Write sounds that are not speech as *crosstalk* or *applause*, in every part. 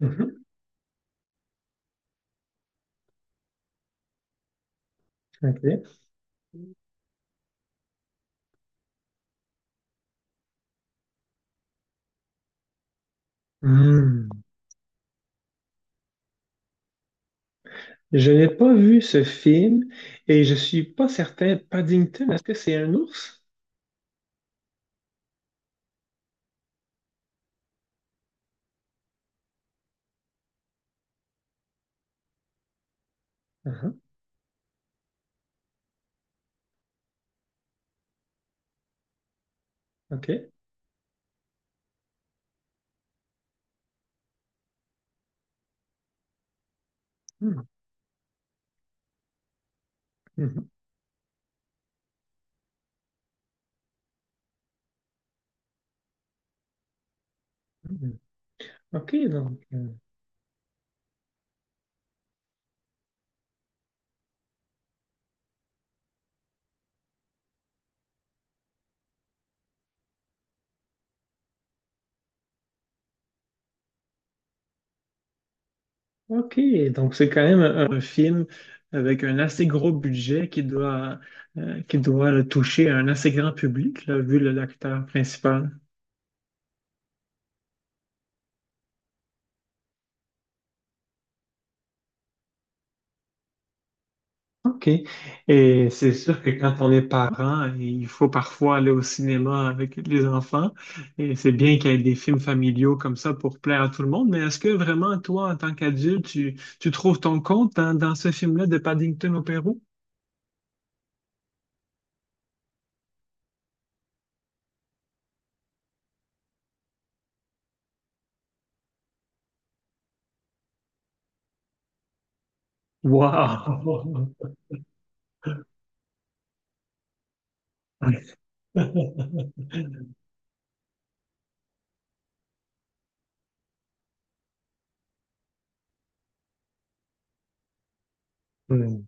Mhm, ok. Hmm. Je n'ai pas vu ce film et je suis pas certain. Paddington, est-ce que c'est un ours? Mhm, ok. Hmm, mhm, mhm. Ok, ok, donc, c'est quand même un film avec un assez gros budget qui doit, là, toucher un assez grand public, là, vu l'acteur principal. OK. Et c'est sûr que quand on est parent, il faut parfois aller au cinéma avec les enfants. Et c'est bien qu'il y ait des films familiaux comme ça pour plaire à tout le monde. Mais est-ce que vraiment, toi, en tant qu'adulte, tu trouves ton compte dans ce film-là de Paddington au Pérou? Wow! *laughs* Mm.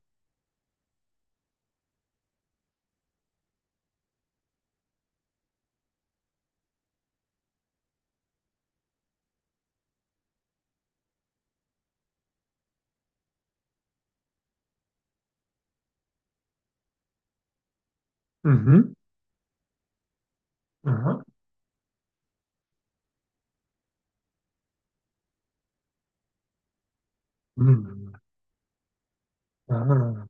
Mhm. Ah. Mm. Ah.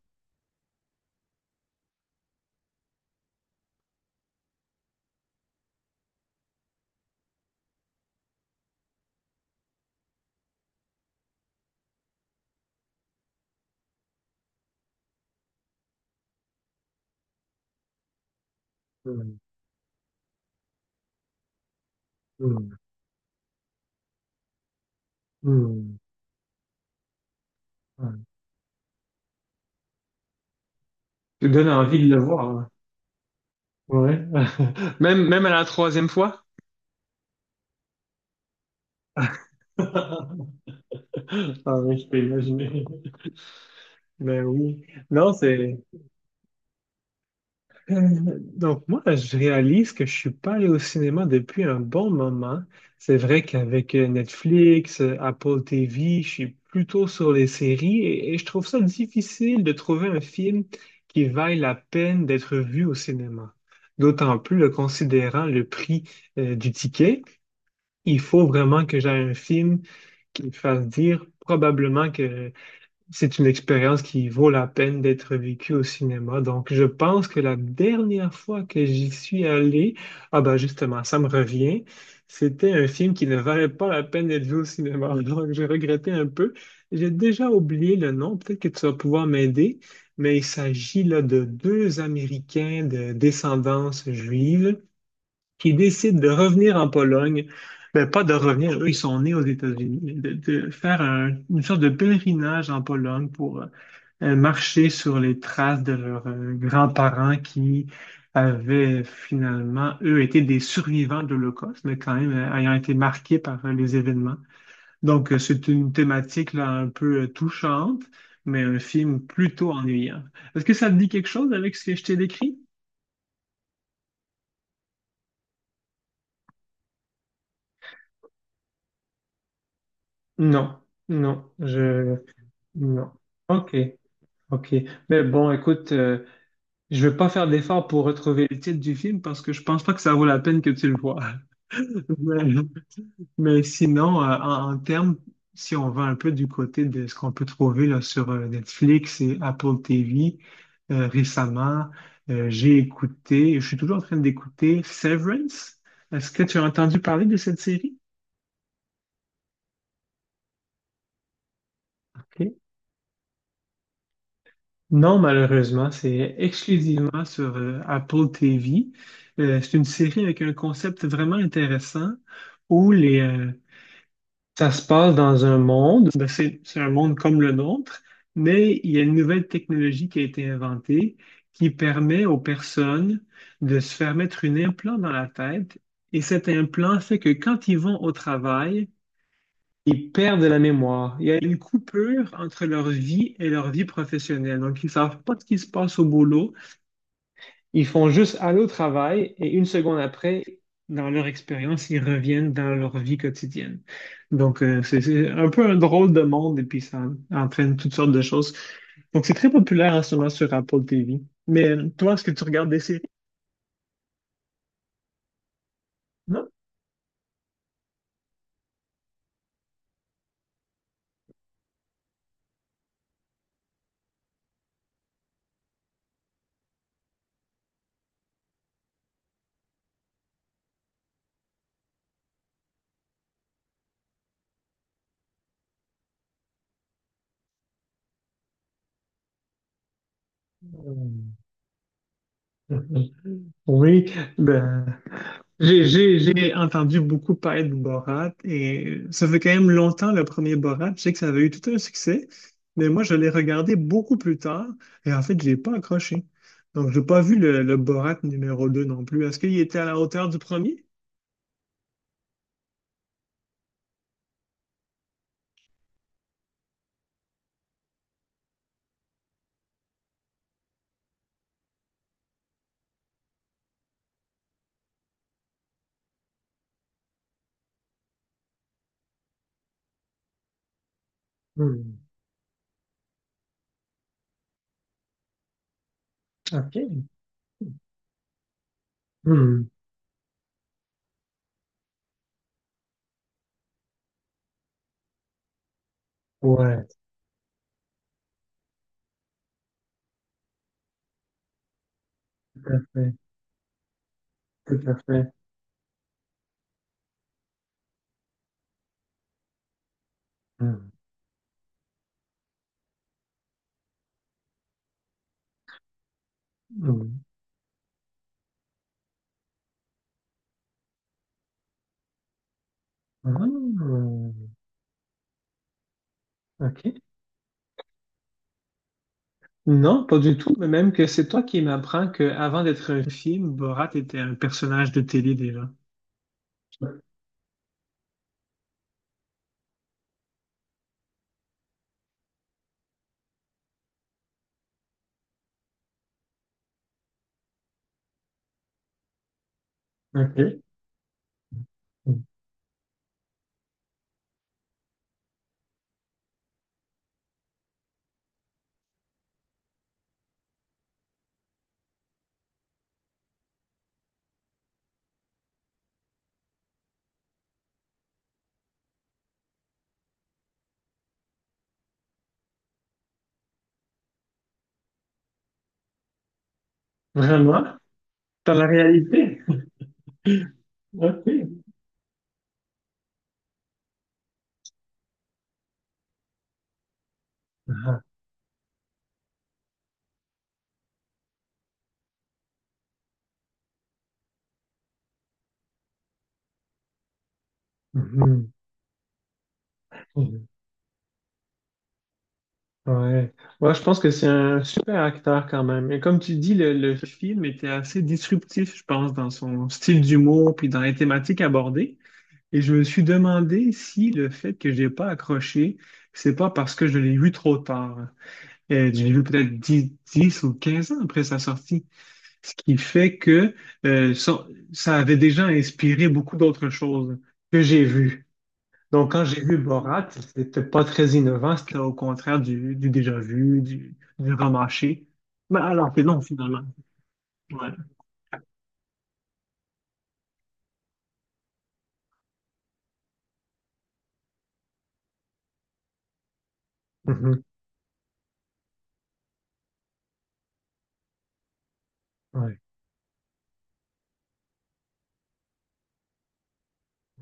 Mm. Mm. Mm. Ah. *laughs* Tu donnes envie de le voir, hein. Ouais. *laughs* Même, même à la troisième fois? *laughs* *laughs* Ah oui, je peux imaginer. Ben oui. Non, c'est... *laughs* Euh, Donc moi, je réalise que je suis pas allé au cinéma depuis un bon moment. C'est vrai qu'avec Netflix, Apple TV, je suis plutôt sur les séries et je trouve ça difficile de trouver un film qui vaille la peine d'être vu au cinéma. D'autant plus le considérant le prix du ticket, il faut vraiment que j'aie un film qui me fasse dire probablement que c'est une expérience qui vaut la peine d'être vécue au cinéma. Donc, je pense que la dernière fois que j'y suis allé, ah ben justement, ça me revient, c'était un film qui ne valait pas la peine d'être vu au cinéma. *laughs* Donc, j'ai regretté un peu. J'ai déjà oublié le nom, peut-être que tu vas pouvoir m'aider, mais il s'agit là de deux Américains de descendance juive qui décident de revenir en Pologne, ben pas de revenir, eux, ils sont nés aux États-Unis, mais de faire une sorte de pèlerinage en Pologne pour marcher sur les traces de leurs grands-parents qui avaient finalement, eux, été des survivants de l'Holocauste, mais quand même ayant été marqués par les événements. Donc, c'est une thématique là, un peu touchante, mais un film plutôt ennuyant. Est-ce que ça te dit quelque chose avec ce que je t'ai décrit? Non, non, je. Non. Ok, ok. Mais bon, écoute, je vais pas faire d'effort pour retrouver le titre du film parce que je pense pas que ça vaut la peine que tu le vois. *laughs* Mais, mais sinon, en termes, si on va un peu du côté de ce qu'on peut trouver là, sur Netflix et Apple TV, récemment, j'ai écouté, je suis toujours en train d'écouter Severance. Est-ce que tu as entendu parler de cette série? Non, malheureusement, c'est exclusivement sur Apple TV. C'est une série avec un concept vraiment intéressant où ça se passe dans un monde, ben, c'est un monde comme le nôtre, mais il y a une nouvelle technologie qui a été inventée qui permet aux personnes de se faire mettre un implant dans la tête. Et cet implant fait que quand ils vont au travail, ils perdent la mémoire. Il y a une coupure entre leur vie et leur vie professionnelle. Donc, ils savent pas ce qui se passe au boulot. Ils font juste aller au travail et une seconde après, dans leur expérience, ils reviennent dans leur vie quotidienne. Donc, c'est un peu un drôle de monde et puis ça entraîne toutes sortes de choses. Donc, c'est très populaire en ce moment sur Apple TV. Mais toi, est-ce que tu regardes des séries? Non. *laughs* Oui, ben, j'ai entendu beaucoup parler de Borat et ça fait quand même longtemps le premier Borat. Je sais que ça avait eu tout un succès, mais moi je l'ai regardé beaucoup plus tard et en fait j'ai pas accroché. Donc j'ai pas vu le Borat numéro deux non plus. Est-ce qu'il était à la hauteur du premier? Hmm, OK. Hmm, ouais, tout à fait. Tout à fait. Hmm, hmm. Ah, OK. Non, pas du tout, mais même que c'est toi qui m'apprends qu'avant d'être un film, Borat était un personnage de télé déjà. OK. Vraiment? Dans la réalité? OK. Ah. Mhm. Mhm. Ouais. Ouais, je pense que c'est un super acteur quand même. Et comme tu dis, le film était assez disruptif, je pense, dans son style d'humour puis dans les thématiques abordées. Et je me suis demandé si le fait que j'ai pas accroché, c'est pas parce que je l'ai vu trop tard. Et je l'ai vu peut-être 10, 10 ou 15 ans après sa sortie. Ce qui fait que euh, ça, ça avait déjà inspiré beaucoup d'autres choses que j'ai vues. Donc, quand j'ai vu Borat, c'était pas très innovant, c'était au contraire du déjà vu, du remâché. Mais alors que non, finalement. Ouais. Mhm. Ouais,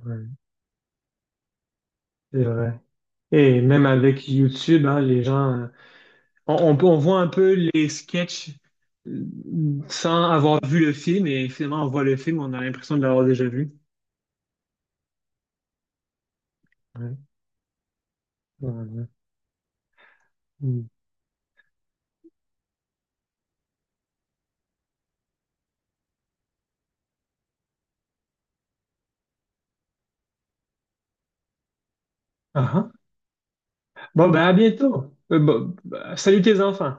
ouais, c'est vrai. Et même avec YouTube, hein, les gens, on voit un peu les sketchs euh, sans avoir vu le film, et finalement, on voit le film, on a l'impression de l'avoir déjà vu. Ouais. Ouais, ouais. Mm. Ah, ah. Bon, ben à bientôt. Bon, bah, salut tes enfants.